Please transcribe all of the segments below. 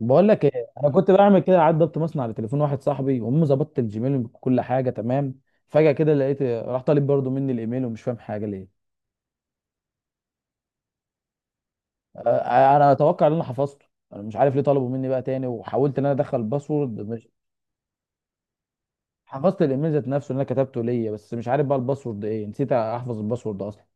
بقول لك ايه، انا كنت بعمل كده عاد ضبط مصنع على تليفون واحد صاحبي وامه ظبطت الجيميل وكل حاجه تمام. فجاه كده لقيت راح طالب برضه مني الايميل ومش فاهم حاجه ليه. انا اتوقع ان انا حفظته. انا مش عارف ليه طلبوا مني بقى تاني، وحاولت ان انا ادخل الباسورد، مش حفظت الايميل ذات نفسه اللي انا كتبته ليا، بس مش عارف بقى الباسورد ايه، نسيت احفظ الباسورد اصلا.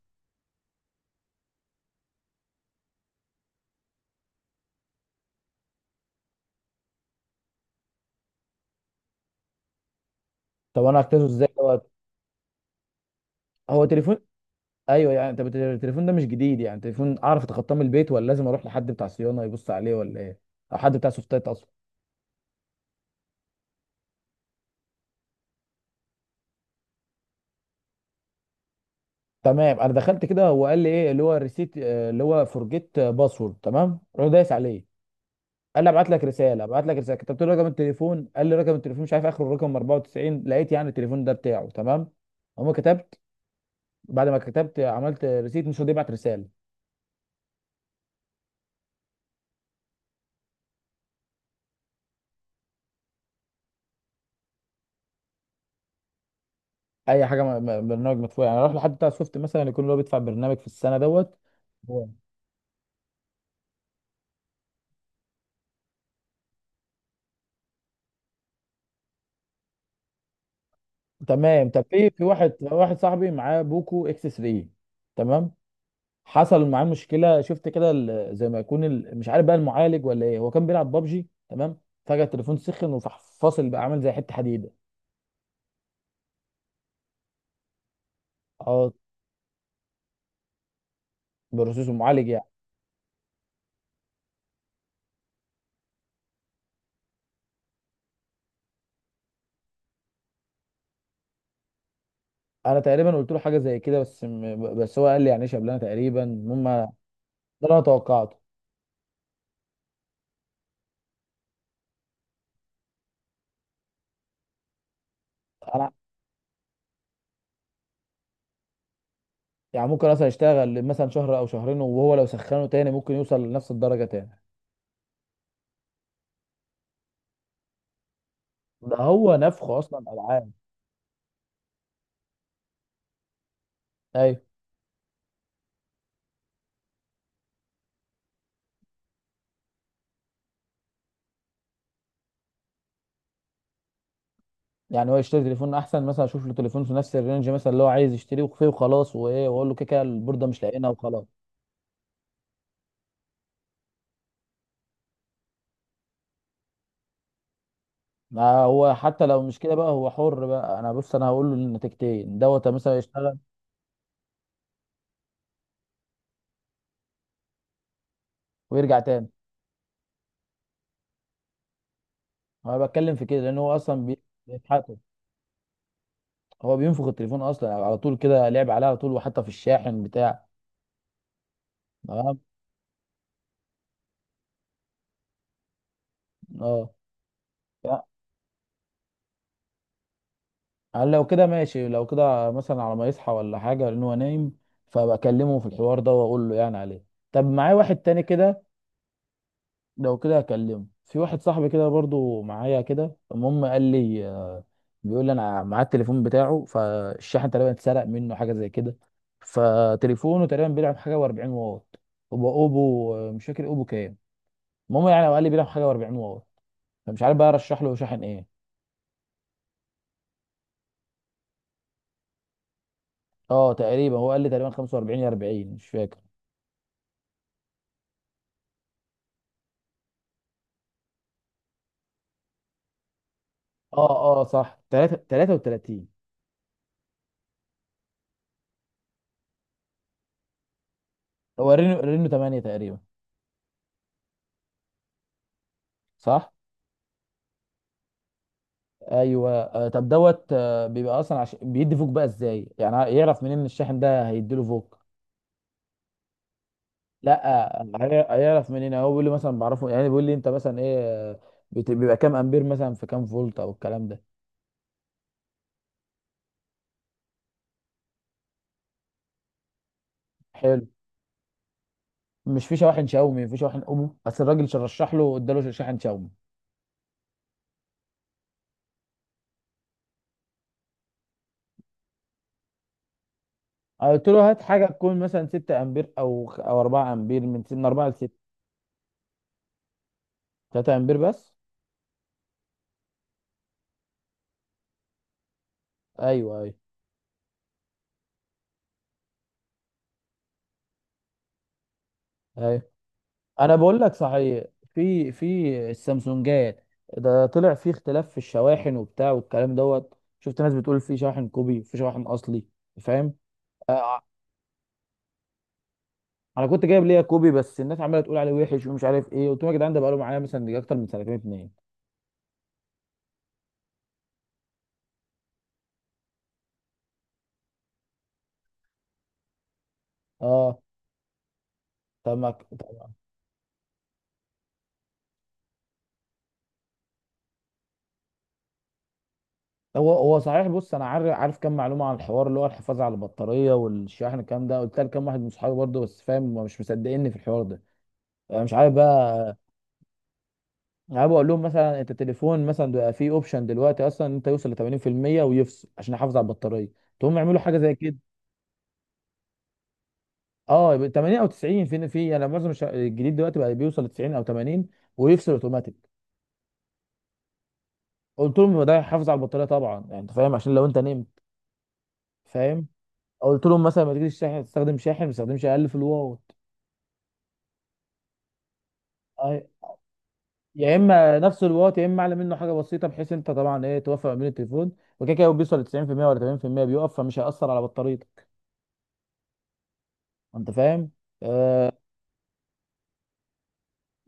طب انا هكتبه ازاي دوت؟ هو تليفون. ايوه يعني، طب التليفون ده مش جديد يعني، تليفون اعرف اتخطاه من البيت، ولا لازم اروح لحد بتاع صيانه يبص عليه، ولا ايه؟ او حد بتاع سوفتات. تمام انا دخلت كده هو قال لي ايه اللي هو ريسيت، اللي هو فورجيت باسورد، تمام رحت دايس عليه. قال لي ابعت لك رساله، ابعت لك رساله، كتبت له رقم التليفون. قال لي رقم التليفون مش عارف اخره رقم 94، لقيت يعني التليفون ده بتاعه تمام. اما كتبت، بعد ما كتبت عملت ريسيت، مش راضي يبعت رساله. اي حاجه برنامج مدفوع يعني، اروح لحد بتاع سوفت مثلا يكون اللي هو بيدفع برنامج في السنه دوت. هو. تمام، طب في واحد صاحبي معاه بوكو اكس 3. تمام حصل معاه مشكله، شفت كده زي ما يكون مش عارف بقى المعالج ولا ايه، هو كان بيلعب بابجي تمام. فجاه التليفون سخن وفح، فاصل بقى عامل زي حته حديده. اه، بروسيسور معالج يعني. انا تقريبا قلت له حاجه زي كده، بس بس هو قال لي يعني ايش قبلنا تقريبا، المهم ده اللي انا توقعته. انا يعني ممكن مثلا يشتغل مثلا شهر او شهرين، وهو لو سخنه تاني ممكن يوصل لنفس الدرجه تاني. ده هو نفخه اصلا العاب. ايوه يعني، هو يشتري تليفون احسن مثلا، اشوف له تليفون في نفس الرينج مثلا اللي هو عايز يشتريه فيه وخلاص، وايه واقول له كده كده البورده مش لاقينا وخلاص. ما هو حتى لو مش كده بقى هو حر بقى، انا بص انا هقول له النتيجتين دوت، مثلا يشتغل ويرجع تاني. انا بتكلم في كده لان هو اصلا بيتحكم. هو بينفخ التليفون اصلا على طول كده، لعب عليه على طول، وحتى في الشاحن بتاع. تمام، اه. يعني لو كده ماشي، لو كده مثلا على ما يصحى ولا حاجه لان هو نايم، فبكلمه في الحوار ده واقول له يعني عليه. طب معايا واحد تاني كده، لو كده هكلمه في واحد صاحبي كده برضو معايا كده. المهم قال لي، بيقول لي انا معاه التليفون بتاعه، فالشاحن تقريبا اتسرق منه حاجه زي كده. فتليفونه تقريبا بيلعب حاجه و40 واط، هو اوبو، مش فاكر اوبو كام. المهم يعني هو قال لي بيلعب حاجه و40 واط، فمش عارف بقى ارشح له شاحن ايه. اه تقريبا هو قال لي تقريبا 45 يا 40، مش فاكر. اه، اه، صح. 3، 33. هو رينو 8 تقريبا. صح. ايوه، طب دوت. بيبقى اصلا بيدي فوق بقى ازاي يعني، يعرف منين ان الشاحن ده هيديله فوق. لا. هيعرف منين يعني؟ هو بيقول لي مثلا بعرفه يعني، بيقول لي انت مثلا ايه. آه، بيبقى كام امبير مثلا، في كام فولت، او الكلام ده. حلو. مش في شواحن شاومي، في شواحن اوبو، بس الراجل رشح له اداله شاحن شاومي. قلت له هات حاجه تكون مثلا 6 امبير، او او 4 امبير، من 4 ل 6. 3 امبير بس؟ ايوه، ايوه، ايوه، انا بقول لك صحيح. في السامسونجات، ده طلع في اختلاف في الشواحن وبتاع والكلام دوت. شفت ناس بتقول في شاحن كوبي، في شاحن اصلي، فاهم. آه، آه، انا كنت جايب ليا كوبي بس الناس عماله تقول عليه وحش ومش عارف ايه، قلت لهم يا جدعان ده بقاله معايا مثلا يجي اكتر من سنتين اتنين. اه. طب ما هو صحيح. بص انا عارف، عارف كام معلومه عن الحوار، اللي هو الحفاظ على البطاريه والشاحن الكلام ده، قلت لكام واحد من صحابي برضه، بس فاهم هما مش مصدقيني في الحوار ده. أنا مش عارف بقى. يعني انا بقول لهم مثلا انت التليفون مثلا بقى فيه اوبشن دلوقتي اصلا، إن انت يوصل ل 80% ويفصل عشان احافظ على البطاريه، تقوم يعملوا حاجه زي كده. اه يبقى 80 او 90، فين، في انا معظم الجديد دلوقتي بقى بيوصل ل 90 او 80 ويفصل اوتوماتيك. قلت لهم يبقى ده يحافظ على البطاريه طبعا يعني، انت فاهم، عشان لو انت نمت، فاهم. قلت لهم مثلا ما تجيش شاحن، تستخدم شاحن ما تستخدمش، اقل في الواط. آه، يا اما نفس الواط، يا اما اعلى منه حاجه بسيطه، بحيث انت طبعا ايه توفق ما بين التليفون. وكده كده هو بيوصل ل 90% ولا 80% بيقف، فمش هيأثر على بطاريتك. انت فاهم. آه،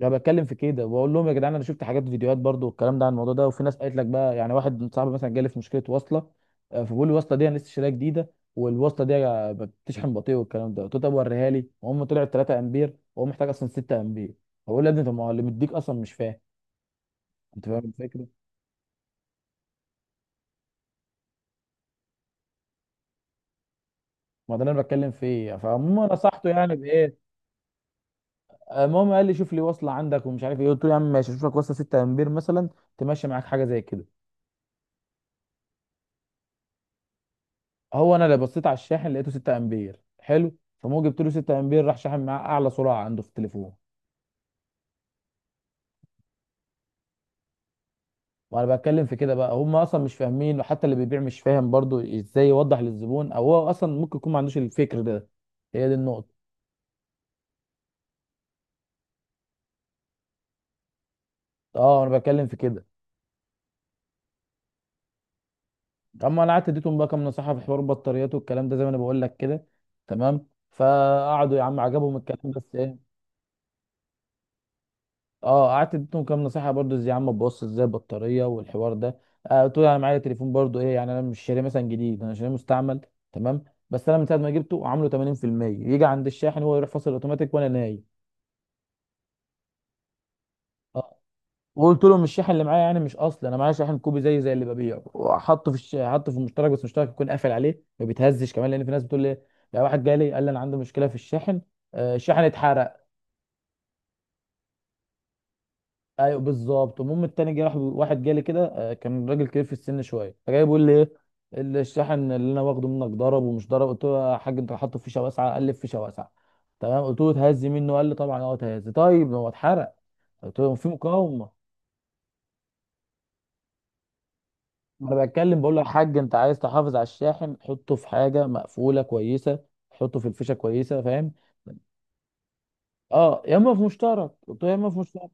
انا بتكلم في كده، بقول لهم يا جدعان انا شفت حاجات فيديوهات برضو والكلام ده عن الموضوع ده، وفي ناس قالت لك بقى، يعني واحد صاحبي مثلا جالي في مشكله وصله. فبيقول لي الوصله دي انا لسه شاريها جديده والوصله دي بتشحن بطيء والكلام ده. قلت له طب وريها لي، وهم طلعت 3 امبير وهو محتاج اصلا 6 امبير. فبقول له يا ابني طب ما هو اللي مديك اصلا، مش فاهم. انت فاهم الفكره. ما ده اللي انا بتكلم فيه، فعموما نصحته يعني بايه. المهم قال لي شوف لي وصله عندك ومش عارف ايه، قلت له يا عم ماشي اشوف لك وصله 6 امبير مثلا، تمشي معاك حاجه زي كده. هو انا اللي بصيت على الشاحن لقيته 6 امبير، حلو. فموجي جبت له 6 امبير، راح شاحن معاه اعلى سرعه عنده في التليفون. وانا بتكلم في كده بقى، هم اصلا مش فاهمين، وحتى اللي بيبيع مش فاهم برضو ازاي يوضح للزبون، او هو اصلا ممكن يكون ما عندوش الفكر ده. هي دي النقطه. اه انا بتكلم في كده. اما انا قعدت اديتهم بقى كام نصيحه في حوار البطاريات والكلام ده، زي ما انا بقول لك كده، تمام. فقعدوا يا عم عجبهم الكلام بس ايه. اه قعدت اديتهم كام نصيحه برضو ازاي، يا عم ببص ازاي البطاريه والحوار ده. آه قلت له انا معايا تليفون برضو ايه يعني، انا مش شاريه مثلا جديد، انا شاريه مستعمل، تمام. بس انا من ساعه ما جبته عامله 80%، يجي عند الشاحن هو يروح فاصل اوتوماتيك وانا نايم. اه. وقلت له مش الشاحن اللي معايا يعني مش اصلي، انا معايا شاحن كوبي زي اللي ببيعه، وحطه في حطه في المشترك، بس المشترك يكون قافل عليه ما بيتهزش كمان، لان في ناس بتقول لي، لا واحد جالي قال لي انا عندي مشكله في الشاحن، آه الشاحن اتحرق. ايوه بالظبط. المهم التاني جه راح واحد جالي كده، كان راجل كبير في السن شويه فجاي بيقول لي ايه، الشاحن اللي انا واخده منك ضرب ومش ضرب. قلت له يا حاج انت حاطه في فيشه واسعه؟ قال لي في فيشه واسعه. تمام قلت له اتهز منه؟ قال لي طبعا اه اتهز. طيب ما هو اتحرق. قلت له في مقاومه. انا بتكلم بقول له يا حاج انت عايز تحافظ على الشاحن حطه في حاجه مقفوله كويسه، حطه في الفيشه كويسه فاهم. اه يا اما في مشترك، قلت له يا اما في مشترك،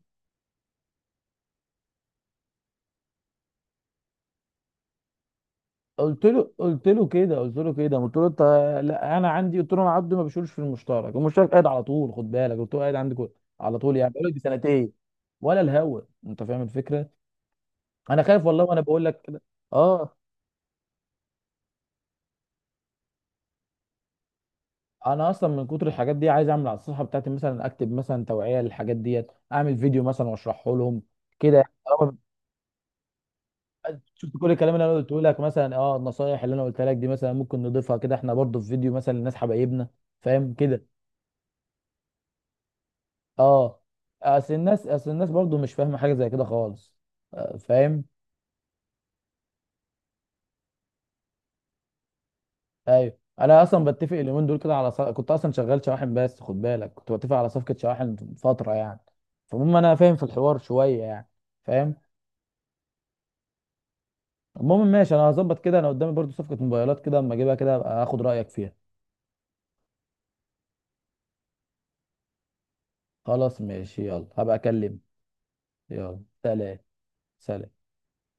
قلت له كده قلت له انت. لا انا عندي، قلت له انا عبد ما بشيلش في المشترك، المشترك قاعد على طول، خد بالك قلت له قاعد عندي على طول يعني، بقول لك بسنتين ولا الهوا. انت فاهم الفكره. انا خايف والله وانا بقول لك كده. اه انا اصلا من كتر الحاجات دي عايز اعمل على الصفحه بتاعتي مثلا، اكتب مثلا توعيه للحاجات ديت، اعمل فيديو مثلا واشرحه لهم كده يعني. طالما شفت كل الكلام اللي انا قلته لك مثلا، اه النصايح اللي انا قلتها لك دي مثلا ممكن نضيفها كده احنا برضو في فيديو مثلا للناس حبايبنا، فاهم كده. اه، اصل الناس برضو مش فاهمه حاجه زي كده خالص، فاهم. ايوه انا اصلا بتفق اليومين دول كده على كنت اصلا شغال شواحن، بس خد بالك كنت بتفق على صفقه شواحن فتره يعني، فالمهم انا فاهم في الحوار شويه يعني، فاهم. المهم ماشي، انا هظبط كده، انا قدامي برضو صفقه موبايلات كده، اما اجيبها كده ابقى اخد رايك فيها. خلاص ماشي، يلا هبقى اكلم. يلا سلام. سلام.